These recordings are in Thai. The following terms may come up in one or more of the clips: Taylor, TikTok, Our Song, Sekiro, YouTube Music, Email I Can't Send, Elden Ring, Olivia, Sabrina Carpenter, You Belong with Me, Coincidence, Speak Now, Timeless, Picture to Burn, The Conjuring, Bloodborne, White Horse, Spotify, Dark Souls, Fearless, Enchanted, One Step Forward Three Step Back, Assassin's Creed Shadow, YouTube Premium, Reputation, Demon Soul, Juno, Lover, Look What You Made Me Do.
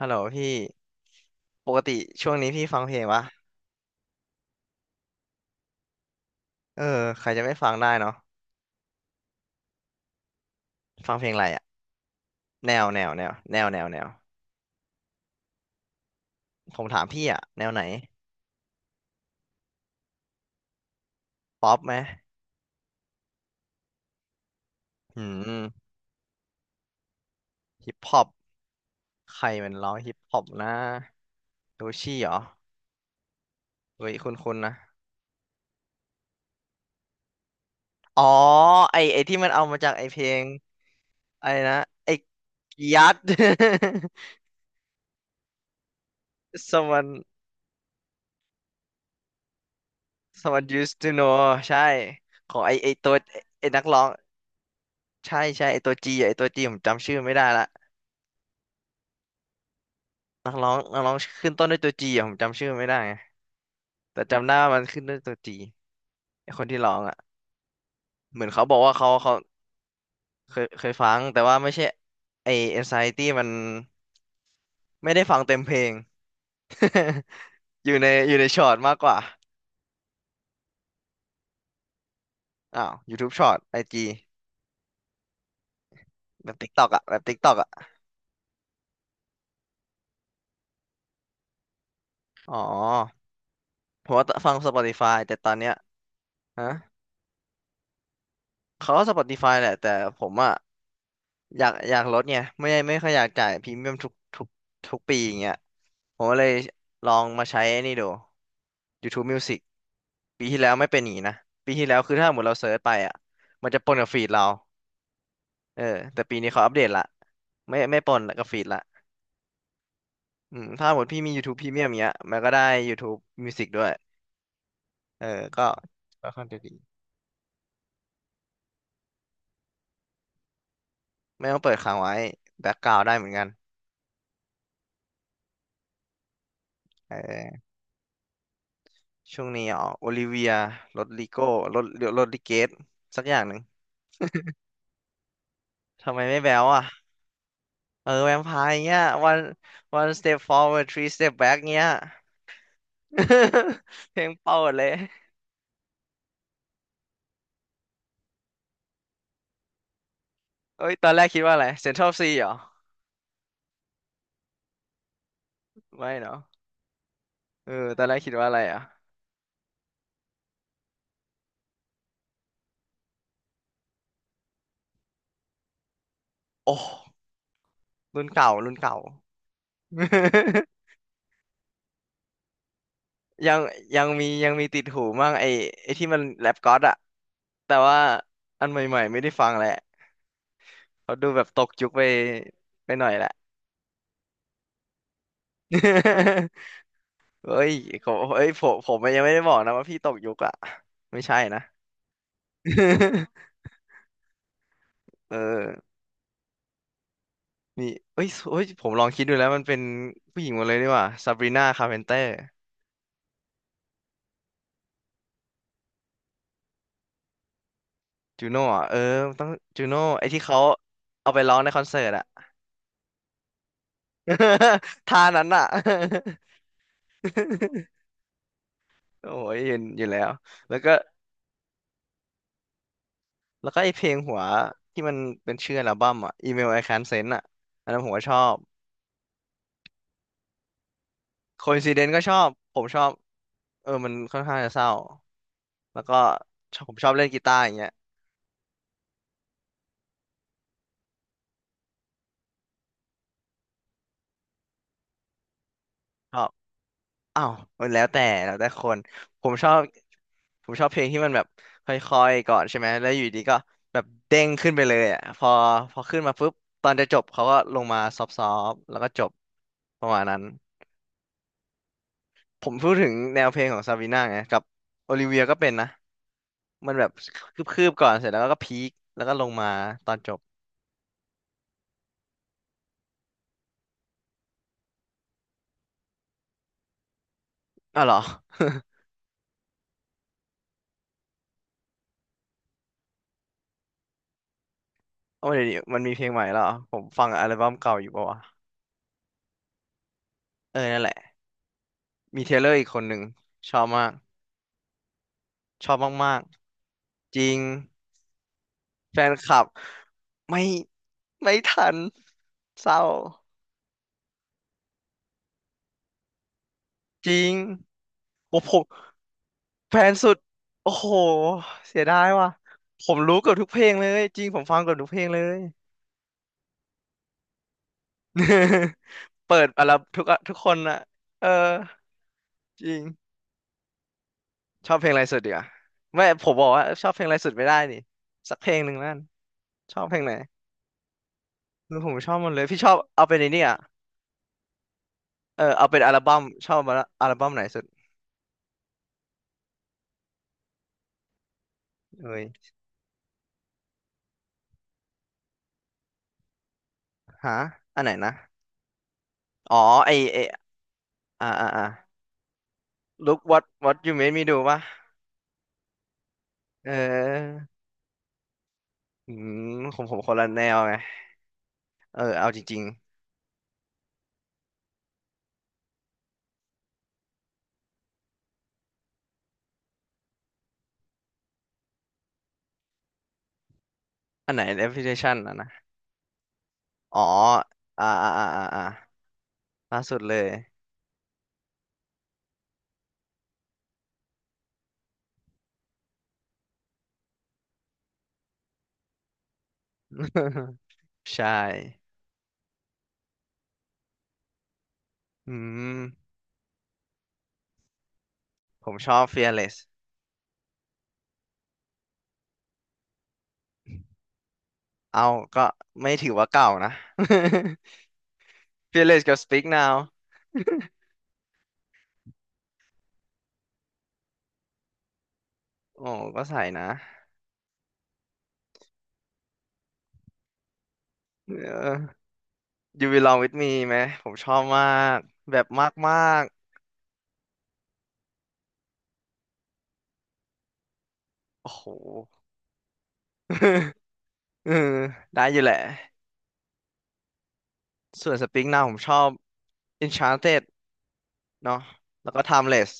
ฮัลโหลพี่ปกติช่วงนี้พี่ฟังเพลงวะเออใครจะไม่ฟังได้เนาะฟังเพลงอะไรอะแนวแนวแนวแนวแนวแนวผมถามพี่อะแนวไหนป๊อปไหมอืมฮิปฮอปใครมันร้องฮิปฮอปนะดูชี่เหรอเฮ้ยคุณนะอ๋อไอที่มันเอามาจากไอเพลงอะไรนะไอยัด someone used to know ใช่ของไอตัวไอนักร้องใช่ใช่ไอตัวจีผมจำชื่อไม่ได้ละ นักร้องขึ้นต้นด้วยตัวจีอะผมจำชื่อไม่ได้ไงแต่จำได้ว่ามันขึ้นด้วยตัวจีไอคนที่ร้องอ่ะเหมือนเขาบอกว่าเขาเคยฟังแต่ว่าไม่ใช่ไอ Anxiety มันไม่ได้ฟังเต็มเพลง อยู่ในช็อตมากกว่าอ้าว YouTube ช็อตไอจีแบบ TikTok อ่ะแบบ TikTok อ่ะอ๋อผมว่าฟัง Spotify แต่ตอนเนี้ยฮะเขาก็ Spotify แหละแต่ผมอ่ะ อยากอยากลดเนี่ยไม่ได้ไม่ค่อยอยากจ่ายพรีเมียมทุกทุกทุกปีอย่างเงี้ยผมก็เลยลองมาใช้ไอ้นี่ดู YouTube Music ปีที่แล้วไม่เป็นอย่างนี้นะปีที่แล้วคือถ้าหมดเราเซิร์ชไปอ่ะมันจะปนกับฟีดเราเออแต่ปีนี้เขาอัปเดตละไม่ไม่ปนกับฟีดละอืมถ้าหมดพี่มี YouTube Premium เงี้ยมันก็ได้ YouTube Music ด้วยเออก็ค่อนข้างจะดีไม่ต้องเปิดค้างไว้แบ็กกราวด์ได้เหมือนกันเออช่วงนี้อ๋อโอลิเวียรถลิโก้รถรถลิเกตสักอย่างหนึ่ง ทำไมไม่แบ๊วอ่ะเออแวมไพร์เงี้ย one one step forward three step back เงี้ย เพลงเปิดเลยเอ้ยตอนแรกคิดว่าอะไร Central C เหรอไม่เนาะเออตอนแรกคิดว่าอะไรอ่ะโอ้รุ่นเก่ารุ่นเก่า ยังยังมีติดหูมั่งไอ้ที่มันแรปก็อดอะแต่ว่าอันใหม่ๆไม่ได้ฟังแหละเขาดูแบบตกยุคไปหน่อยแหละ เฮ้ยผมเฮ้ยผมยังไม่ได้บอกนะว่าพี่ตกยุคอะไม่ใช่นะ เออมีเอ้ยผมลองคิดดูแล้วมันเป็นผู้หญิงหมดเลยดีกว่าซาบรีนาคาร์เพนเตอร์จูโน่อะเออต้องจูโน่ไอ้ที่เขาเอาไปร้องในคอนเสิร์ตอะ ท่านั้นอะ โอ้ยเห็นอยู่แล้ว แล้วก็ แล้วก็ไอเพลงหัวที่มันเป็นชื่ออัลบั้มอ่ะ Email I Can't Send อ่ะ อันนั้นผมก็ชอบ Coincidence ก็ชอบ ผมชอบเออมันค่อนข้างจะเศร้า แล้วก็ชอบผมชอบเล่นกีตาร์อย่างเงี้ยชอบ อ้าวมันแล้วแต่แล้วแต่คนผมชอบผมชอบเพลงที่มันแบบค่อยๆก่อนใช่ไหมแล้วอยู่ดีก็แบบเด้งขึ้นไปเลยอ่ะพอขึ้นมาปุ๊บตอนจะจบเขาก็ลงมาซอฟๆแล้วก็จบประมาณนั้นผมพูดถึงแนวเพลงของซาบีน่าไงกับโอลิเวียก็เป็นนะมันแบบคืบๆก่อนเสร็จแล้วก็พีคแล้วก็ลงมาตอนจบอ้าวเหรอ เอาเดี๋ยวนี้มันมีเพลงใหม่แล้วเหรอผมฟังอัลบั้มเก่าอยู่ปะวะเออนั่นแหละมีเทเลอร์อีกคนหนึ่งชอบมากชอบมาก จริงแฟนคลับไม่ไม่ทันเศร้าจริงโอ้ผมแฟนสุดโอ้โหเสียดายว่ะผมรู้เกือบทุกเพลงเลยจริงผมฟังเกือบทุกเพลงเลย เปิดอัลบั้มทุกอะทุกคนอะเออจริงชอบเพลงอะไรสุดดีกว่าไม่ผมบอกว่าชอบเพลงอะไรสุดไม่ได้นี่สักเพลงหนึ่งนั่นชอบเพลงไหนเือผมชอบหมดเลยพี่ชอบเอาเป็นไอ้นี่อ่ะเออเอาเป็นอัลบั้มชอบมาละอัลบั้มไหนสุดเอ้ย ฮะอันไหนนะ อ๋อ ไออ่าอ่าอ่า look what you made me do ป่ะเออ อืมผมผมคนละแนวไง เออ เอาจริงๆ อันไหน reputation อ่ะนะ อ๋ออ่าอ่าอ่าอ่าอ่าล่าสุดเลย ใช่ อืม ผมชอบ fearless เอาก็ไม่ถือว่าเก่านะ fearless กับ speak now โอ้ก็ใส่นะเออ you belong with me ไหม ผมชอบมาก แบบมากๆโอ้โห เออได้อยู่แหละส่วนสปริงนาผมชอบ Enchanted เนาะแล้วก็ Timeless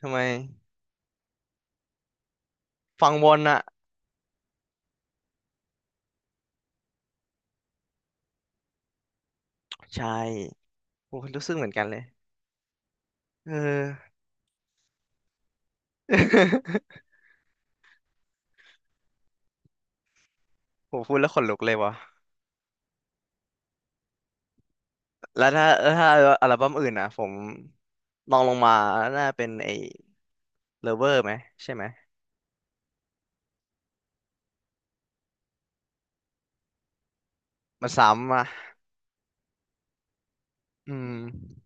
ทำไมฟังวนอะใช่โอ้รู้สึกเหมือนกันเลยเออ ผมพูดแล้วขนลุกเลยวะแล้วถ้าถ้าอัลบั้มอื่นอะผมลองลงมาน่าเป็นไอ้ Lover ไหมใช่ไหมมันซ้ำอะอืม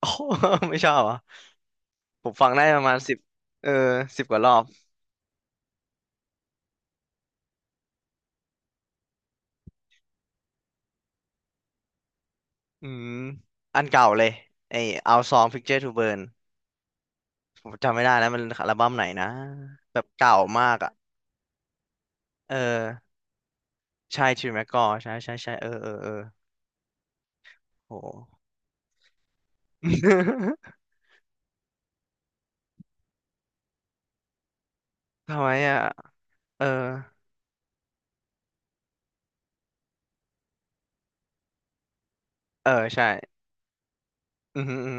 โอ้ ไม่ชอบอ่ะผมฟังได้ประมาณสิบเออสิบกว่ารอบอืมอันเก่าเลยไอ้ Our Song Picture to Burn ผมจำไม่ได้แล้วมันอัลบั้มไหนนะแบบเก่ามากอ่ะเออใช่ชิวแมกกอใช่ใช่ใช่เออเออเออโห ทำไมอ่ะเออเออใช่อืมอหืออืม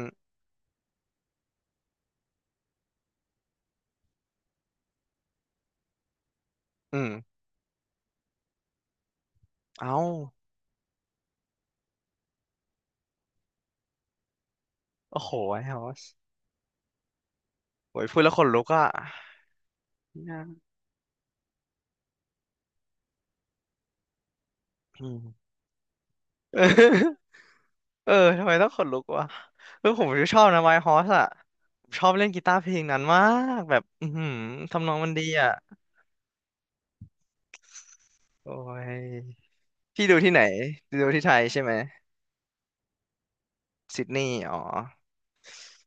อืมเอ้าโอ้โหไอ้ฮอสโอ้ยพูดแล้วขนลุกอ่ะน่าอืมเออ เออทำไมต้องขนลุกวะเออผมชอบนะไวท์ฮอสอ่ะผมชอบเล่นกีตาร์เพลงนั้นมากแบบอือหือทำนองมันดีอ่ะโอ้ยพี่ดูที่ไหนดูที่ไทยใช่ไหมซิดนีย์อ๋อ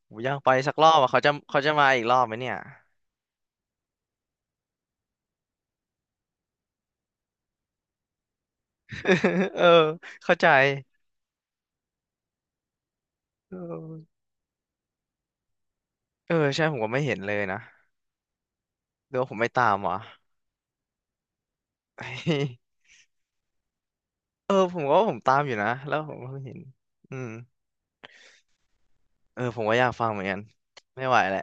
โหยังไปสักรอบอ่ะเขาจะมาอีกรอบไหมเนี่ย เออเข้าใจเออเออใช่ผมก็ไม่เห็นเลยนะหรือว่าผมไม่ตามวะ เออผมก็ว่าผมตามอยู่นะแล้วผมก็ไม่เห็นอืมเออผมก็อยากฟังเหมือนกันไม่ไหวแหละ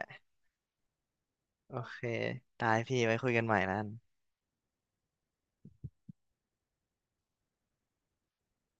โอเคได้พี่ไว้คุยกันใหม่นั่น